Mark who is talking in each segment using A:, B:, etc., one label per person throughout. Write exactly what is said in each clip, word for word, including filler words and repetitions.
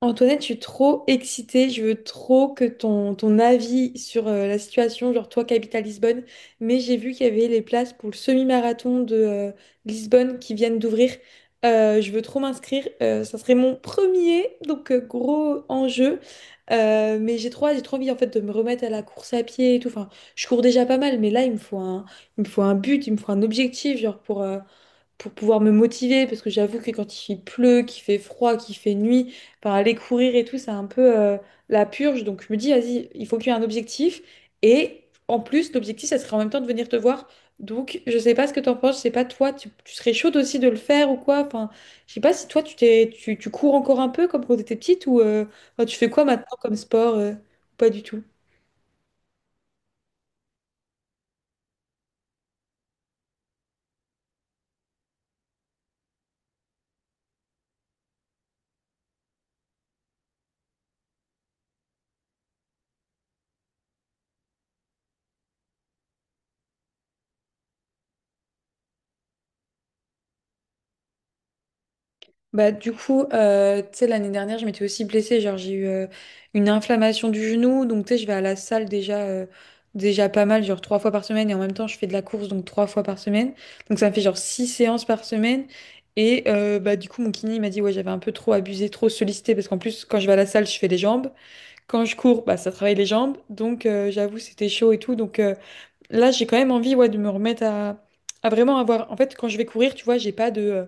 A: Antoinette, je suis trop excitée. Je veux trop que ton, ton avis sur euh, la situation, genre toi qui habites à Lisbonne, mais j'ai vu qu'il y avait les places pour le semi-marathon de euh, Lisbonne qui viennent d'ouvrir. Euh, je veux trop m'inscrire. Euh, ça serait mon premier, donc euh, gros enjeu. Euh, mais j'ai trop hâte, j'ai trop envie en fait de me remettre à la course à pied et tout. Enfin, je cours déjà pas mal, mais là il me faut un, il me faut un but, il me faut un objectif, genre pour euh, pour pouvoir me motiver, parce que j'avoue que quand il pleut, qu'il fait froid, qu'il fait nuit par aller courir et tout, c'est un peu euh, la purge. Donc je me dis, vas-y, il faut qu'il y ait un objectif. Et en plus, l'objectif, ça serait en même temps de venir te voir. Donc je sais pas ce que t'en penses, je sais pas toi, tu, tu serais chaude aussi de le faire ou quoi. Enfin, je sais pas si toi, tu t'es, tu, tu cours encore un peu comme quand t'étais petite ou euh, enfin, tu fais quoi maintenant comme sport euh, pas du tout. Bah, du coup, euh, tu sais, l'année dernière, je m'étais aussi blessée. Genre, j'ai eu euh, une inflammation du genou. Donc, tu sais, je vais à la salle déjà, euh, déjà pas mal, genre trois fois par semaine. Et en même temps, je fais de la course, donc trois fois par semaine. Donc, ça me fait genre six séances par semaine. Et euh, bah, du coup, mon kiné il m'a dit, ouais, j'avais un peu trop abusé, trop sollicité. Parce qu'en plus, quand je vais à la salle, je fais les jambes. Quand je cours, bah, ça travaille les jambes. Donc, euh, j'avoue, c'était chaud et tout. Donc, euh, là, j'ai quand même envie, ouais, de me remettre à, à vraiment avoir. En fait, quand je vais courir, tu vois, j'ai pas de. euh,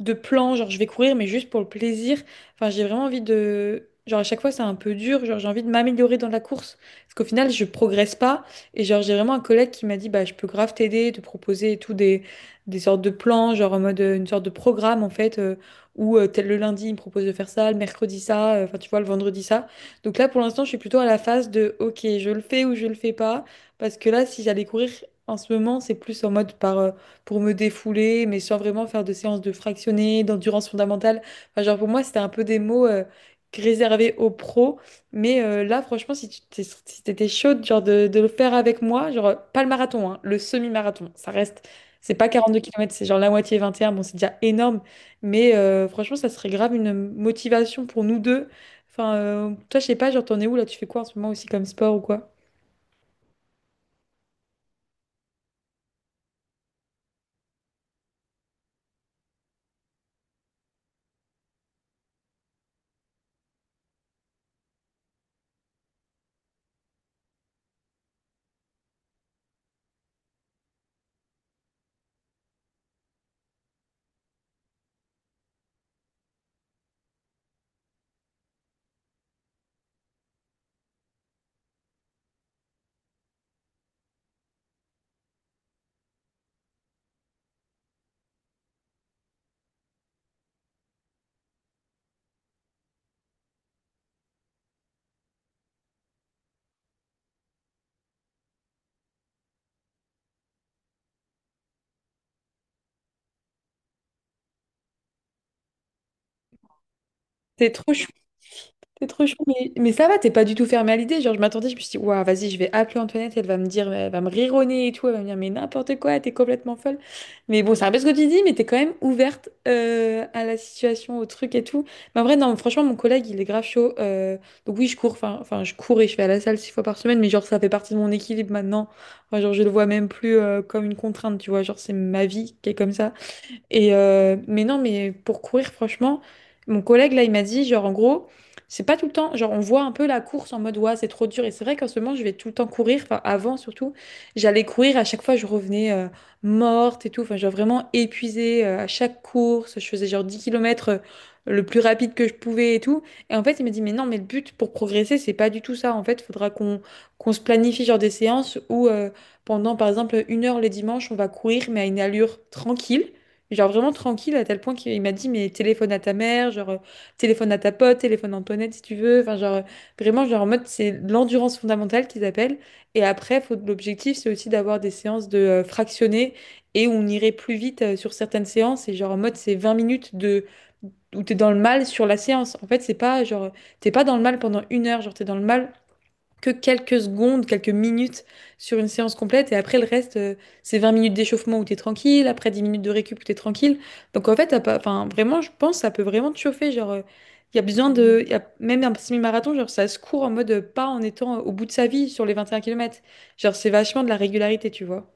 A: de plan, genre je vais courir, mais juste pour le plaisir. Enfin, j'ai vraiment envie de... Genre à chaque fois, c'est un peu dur, genre j'ai envie de m'améliorer dans la course. Parce qu'au final, je progresse pas. Et genre, j'ai vraiment un collègue qui m'a dit, bah, je peux grave t'aider, te proposer et tout des, des sortes de plans, genre en mode euh, une sorte de programme, en fait, euh, où euh, tel le lundi, il me propose de faire ça, le mercredi ça, euh, enfin, tu vois, le vendredi ça. Donc là, pour l'instant, je suis plutôt à la phase de, ok, je le fais ou je le fais pas. Parce que là, si j'allais courir en ce moment, c'est plus en mode par... euh, pour me défouler, mais sans vraiment faire de séances de fractionné, d'endurance fondamentale. Enfin, genre pour moi, c'était un peu des mots euh, réservés aux pros. Mais euh, là, franchement, si tu t'es- si t'étais chaude genre de, de le faire avec moi, genre pas le marathon, hein, le semi-marathon, ça reste. C'est pas quarante-deux kilomètres, c'est genre la moitié vingt et un. Bon, c'est déjà énorme, mais euh, franchement, ça serait grave une motivation pour nous deux. Enfin, euh, toi, je sais pas, genre, t'en es où là? Tu fais quoi en ce moment aussi comme sport ou quoi? C'est trop chaud. T'es trop chaud, mais, mais ça va, t'es pas du tout fermé à l'idée. Genre, je m'attendais, je me suis dit, waouh, vas-y, je vais appeler Antoinette, elle va me dire, elle va me rironner et tout, elle va me dire, mais n'importe quoi, t'es complètement folle. Mais bon, c'est un peu ce que tu dis, mais t'es quand même ouverte euh, à la situation, au truc et tout. Mais en vrai, non, franchement, mon collègue, il est grave chaud. Euh, donc oui, je cours, enfin, enfin, je cours et je vais à la salle six fois par semaine, mais genre, ça fait partie de mon équilibre maintenant. Enfin, genre, je le vois même plus euh, comme une contrainte, tu vois, genre, c'est ma vie qui est comme ça. Et euh, mais non, mais pour courir, franchement, mon collègue là, il m'a dit, genre en gros, c'est pas tout le temps, genre on voit un peu la course en mode ouais, c'est trop dur. Et c'est vrai qu'en ce moment, je vais tout le temps courir, enfin avant surtout, j'allais courir, à chaque fois, je revenais euh, morte et tout, enfin genre vraiment épuisée euh, à chaque course, je faisais genre dix kilomètres euh, le plus rapide que je pouvais et tout. Et en fait, il m'a dit, mais non, mais le but pour progresser, c'est pas du tout ça. En fait, il faudra qu'on qu'on se planifie genre des séances où euh, pendant par exemple une heure les dimanches, on va courir, mais à une allure tranquille. Genre vraiment tranquille à tel point qu'il m'a dit, mais téléphone à ta mère, genre euh, téléphone à ta pote, téléphone à Antoinette si tu veux. Enfin, genre euh, vraiment, genre en mode, c'est l'endurance fondamentale qu'ils appellent. Et après, faut, l'objectif, c'est aussi d'avoir des séances de euh, fractionnées et où on irait plus vite euh, sur certaines séances. Et genre en mode, c'est vingt minutes de où t'es dans le mal sur la séance. En fait, c'est pas genre, t'es pas dans le mal pendant une heure, genre t'es dans le mal que quelques secondes, quelques minutes sur une séance complète. Et après, le reste, euh, c'est vingt minutes d'échauffement où t'es tranquille, après dix minutes de récup où t'es tranquille. Donc en fait, t'as pas, enfin, vraiment, je pense, que ça peut vraiment te chauffer. Genre, euh, il y a besoin de. Y a même un semi-marathon, genre, ça se court en mode euh, pas en étant euh, au bout de sa vie sur les vingt et un kilomètres. Genre, c'est vachement de la régularité, tu vois.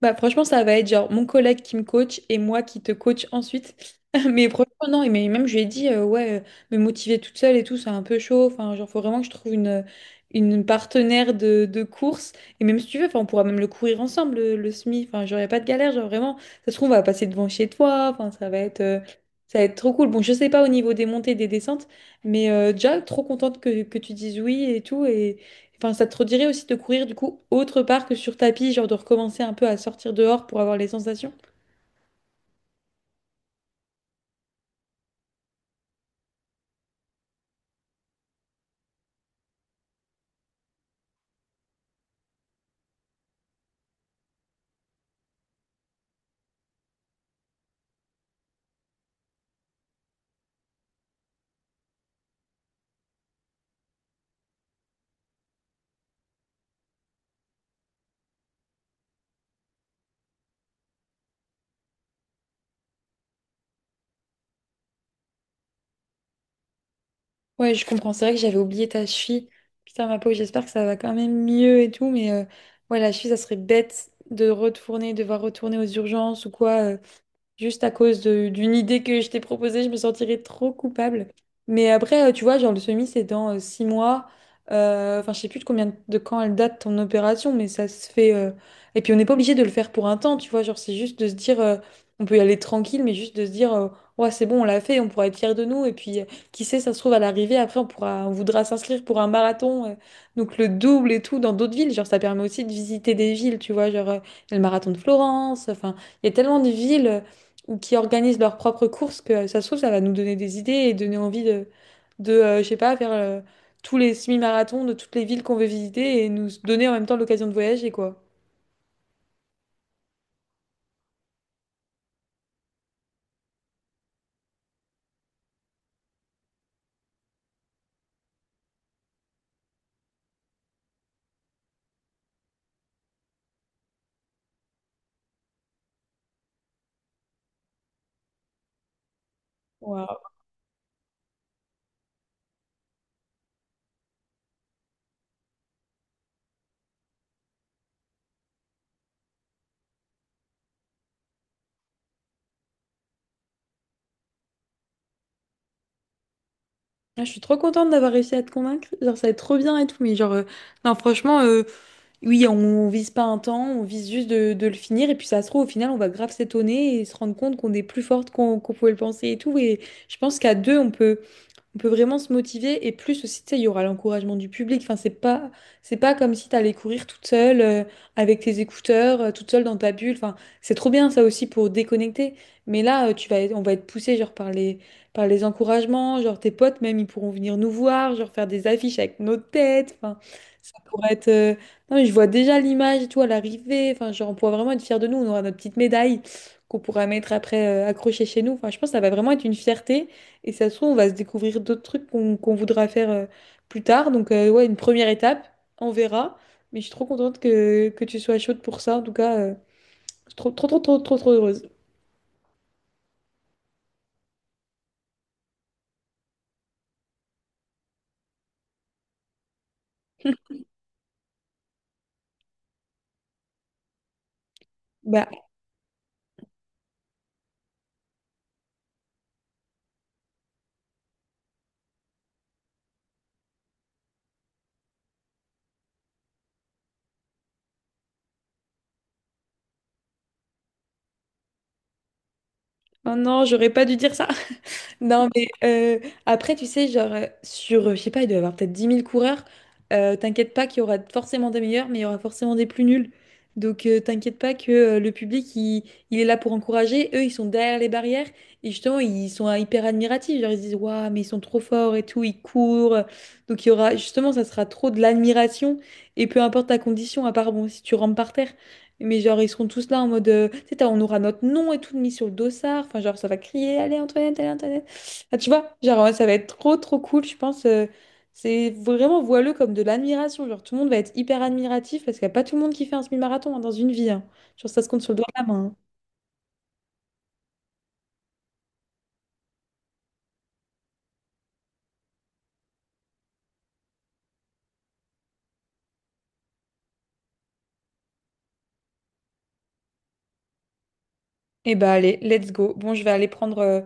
A: Bah, franchement, ça va être genre mon collègue qui me coach et moi qui te coach ensuite. Mais franchement, non, et mais même je lui ai dit, euh, ouais, euh, me motiver toute seule et tout, c'est un peu chaud. Enfin, genre, faut vraiment que je trouve une, une partenaire de, de course. Et même si tu veux, enfin, on pourra même le courir ensemble, le, le semi. Enfin, genre, y a pas de galère, genre, vraiment. Ça se trouve, on va passer devant chez toi. Enfin, ça va être, euh, ça va être trop cool. Bon, je sais pas au niveau des montées, des descentes, mais euh, déjà, trop contente que, que tu dises oui et tout. Et, enfin, ça te redirait aussi de courir du coup autre part que sur tapis, genre de recommencer un peu à sortir dehors pour avoir les sensations? Ouais, je comprends. C'est vrai que j'avais oublié ta cheville. Putain, ma peau, j'espère que ça va quand même mieux et tout, mais euh, ouais, la cheville, ça serait bête de retourner, devoir retourner aux urgences ou quoi. euh. Juste à cause de- d'une idée que je t'ai proposée, je me sentirais trop coupable. Mais après, euh, tu vois, genre le semi, c'est dans euh, six mois. Euh, Enfin, je sais plus de combien de de quand elle date ton opération, mais ça se fait. euh, Et puis, on n'est pas obligé de le faire pour un temps, tu vois. Genre, c'est juste de se dire, euh, on peut y aller tranquille, mais juste de se dire, euh, ouais, c'est bon, on l'a fait, on pourra être fiers de nous. Et puis, euh, qui sait, ça se trouve à l'arrivée, après, on pourra, on voudra s'inscrire pour un marathon, euh, donc le double et tout, dans d'autres villes. Genre, ça permet aussi de visiter des villes, tu vois. Genre, euh, le marathon de Florence, enfin. Il y a tellement de villes ou qui organisent leurs propres courses, que ça se trouve, ça va nous donner des idées et donner envie de, de euh, je sais pas, faire euh, tous les semi-marathons de toutes les villes qu'on veut visiter et nous donner en même temps l'occasion de voyager, quoi. Waouh. Ah, je suis trop contente d'avoir réussi à te convaincre. Genre, ça va être trop bien et tout. Mais genre, euh, non, franchement, euh, oui, on, on vise pas un temps, on vise juste de, de le finir. Et puis, ça se trouve, au final, on va grave s'étonner et se rendre compte qu'on est plus forte qu'on qu'on pouvait le penser et tout. Et je pense qu'à deux, on peut. on peut vraiment se motiver et plus aussi, tu sais, il y aura l'encouragement du public. Enfin, c'est pas, c'est pas comme si t'allais courir toute seule euh, avec tes écouteurs, euh, toute seule dans ta bulle. Enfin, c'est trop bien ça aussi pour déconnecter. Mais là, euh, tu vas être- on va être poussé genre par les, par les encouragements, genre tes potes même ils pourront venir nous voir, genre faire des affiches avec nos têtes. Enfin, ça pourrait être. euh, Non, mais je vois déjà l'image, et tout, à l'arrivée. Enfin, genre on pourra vraiment être fiers de nous. On aura notre petite médaille qu'on pourra mettre après euh, accrochée chez nous. Enfin, je pense que ça va vraiment être une fierté. Et ça se trouve, on va se découvrir d'autres trucs qu'on qu'on voudra faire euh, plus tard. Donc, euh, ouais, une première étape, on verra. Mais je suis trop contente que, que tu sois chaude pour ça. En tout cas, euh, je suis trop, trop, trop, trop, trop, trop heureuse. Bah, maintenant, j'aurais pas dû dire ça. Non, mais euh, après, tu sais, genre, euh, sur, euh, je sais pas, il doit y avoir peut-être dix mille coureurs. Euh, t'inquiète pas qu'il y aura forcément des meilleurs, mais il y aura forcément des plus nuls. Donc, euh, t'inquiète pas que euh, le public, il, il est là pour encourager. Eux, ils sont derrière les barrières. Et justement, ils sont euh, hyper admiratifs. Genre, ils se disent, waouh, mais ils sont trop forts et tout, ils courent. Donc, il y aura, justement, ça sera trop de l'admiration. Et peu importe ta condition, à part, bon, si tu rentres par terre. Mais genre, ils seront tous là en mode, euh, tu sais, t'as- on aura notre nom et tout mis sur le dossard. Enfin, genre, ça va crier, allez, Antoinette, allez, Antoinette. Ah, tu vois, genre, ouais, ça va être trop, trop cool, je pense. Euh, c'est vraiment voileux comme de l'admiration. Genre, tout le monde va être hyper admiratif parce qu'il n'y a pas tout le monde qui fait un semi-marathon, hein, dans une vie, hein. Genre, ça se compte sur le doigt de la main, hein. Eh bah allez, let's go. Bon, je vais aller prendre euh,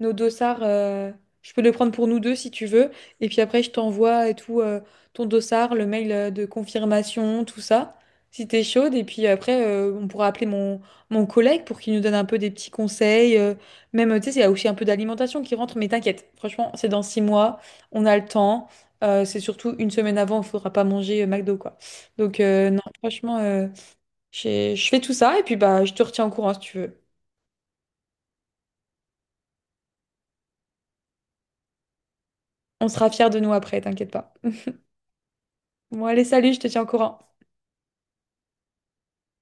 A: nos dossards. Euh, je peux les prendre pour nous deux si tu veux. Et puis après, je t'envoie et tout euh, ton dossard, le mail euh, de confirmation, tout ça, si t'es chaude. Et puis après, euh, on pourra appeler mon, mon collègue pour qu'il nous donne un peu des petits conseils. Euh, même, tu sais, il y a aussi un peu d'alimentation qui rentre, mais t'inquiète. Franchement, c'est dans six mois, on a le temps. Euh, c'est surtout une semaine avant, il faudra pas manger euh, McDo, quoi. Donc euh, non, franchement, euh, j'ai- je fais tout ça et puis bah je te retiens au courant si tu veux. On sera fiers de nous après, t'inquiète pas. Bon, allez, salut, je te tiens au courant.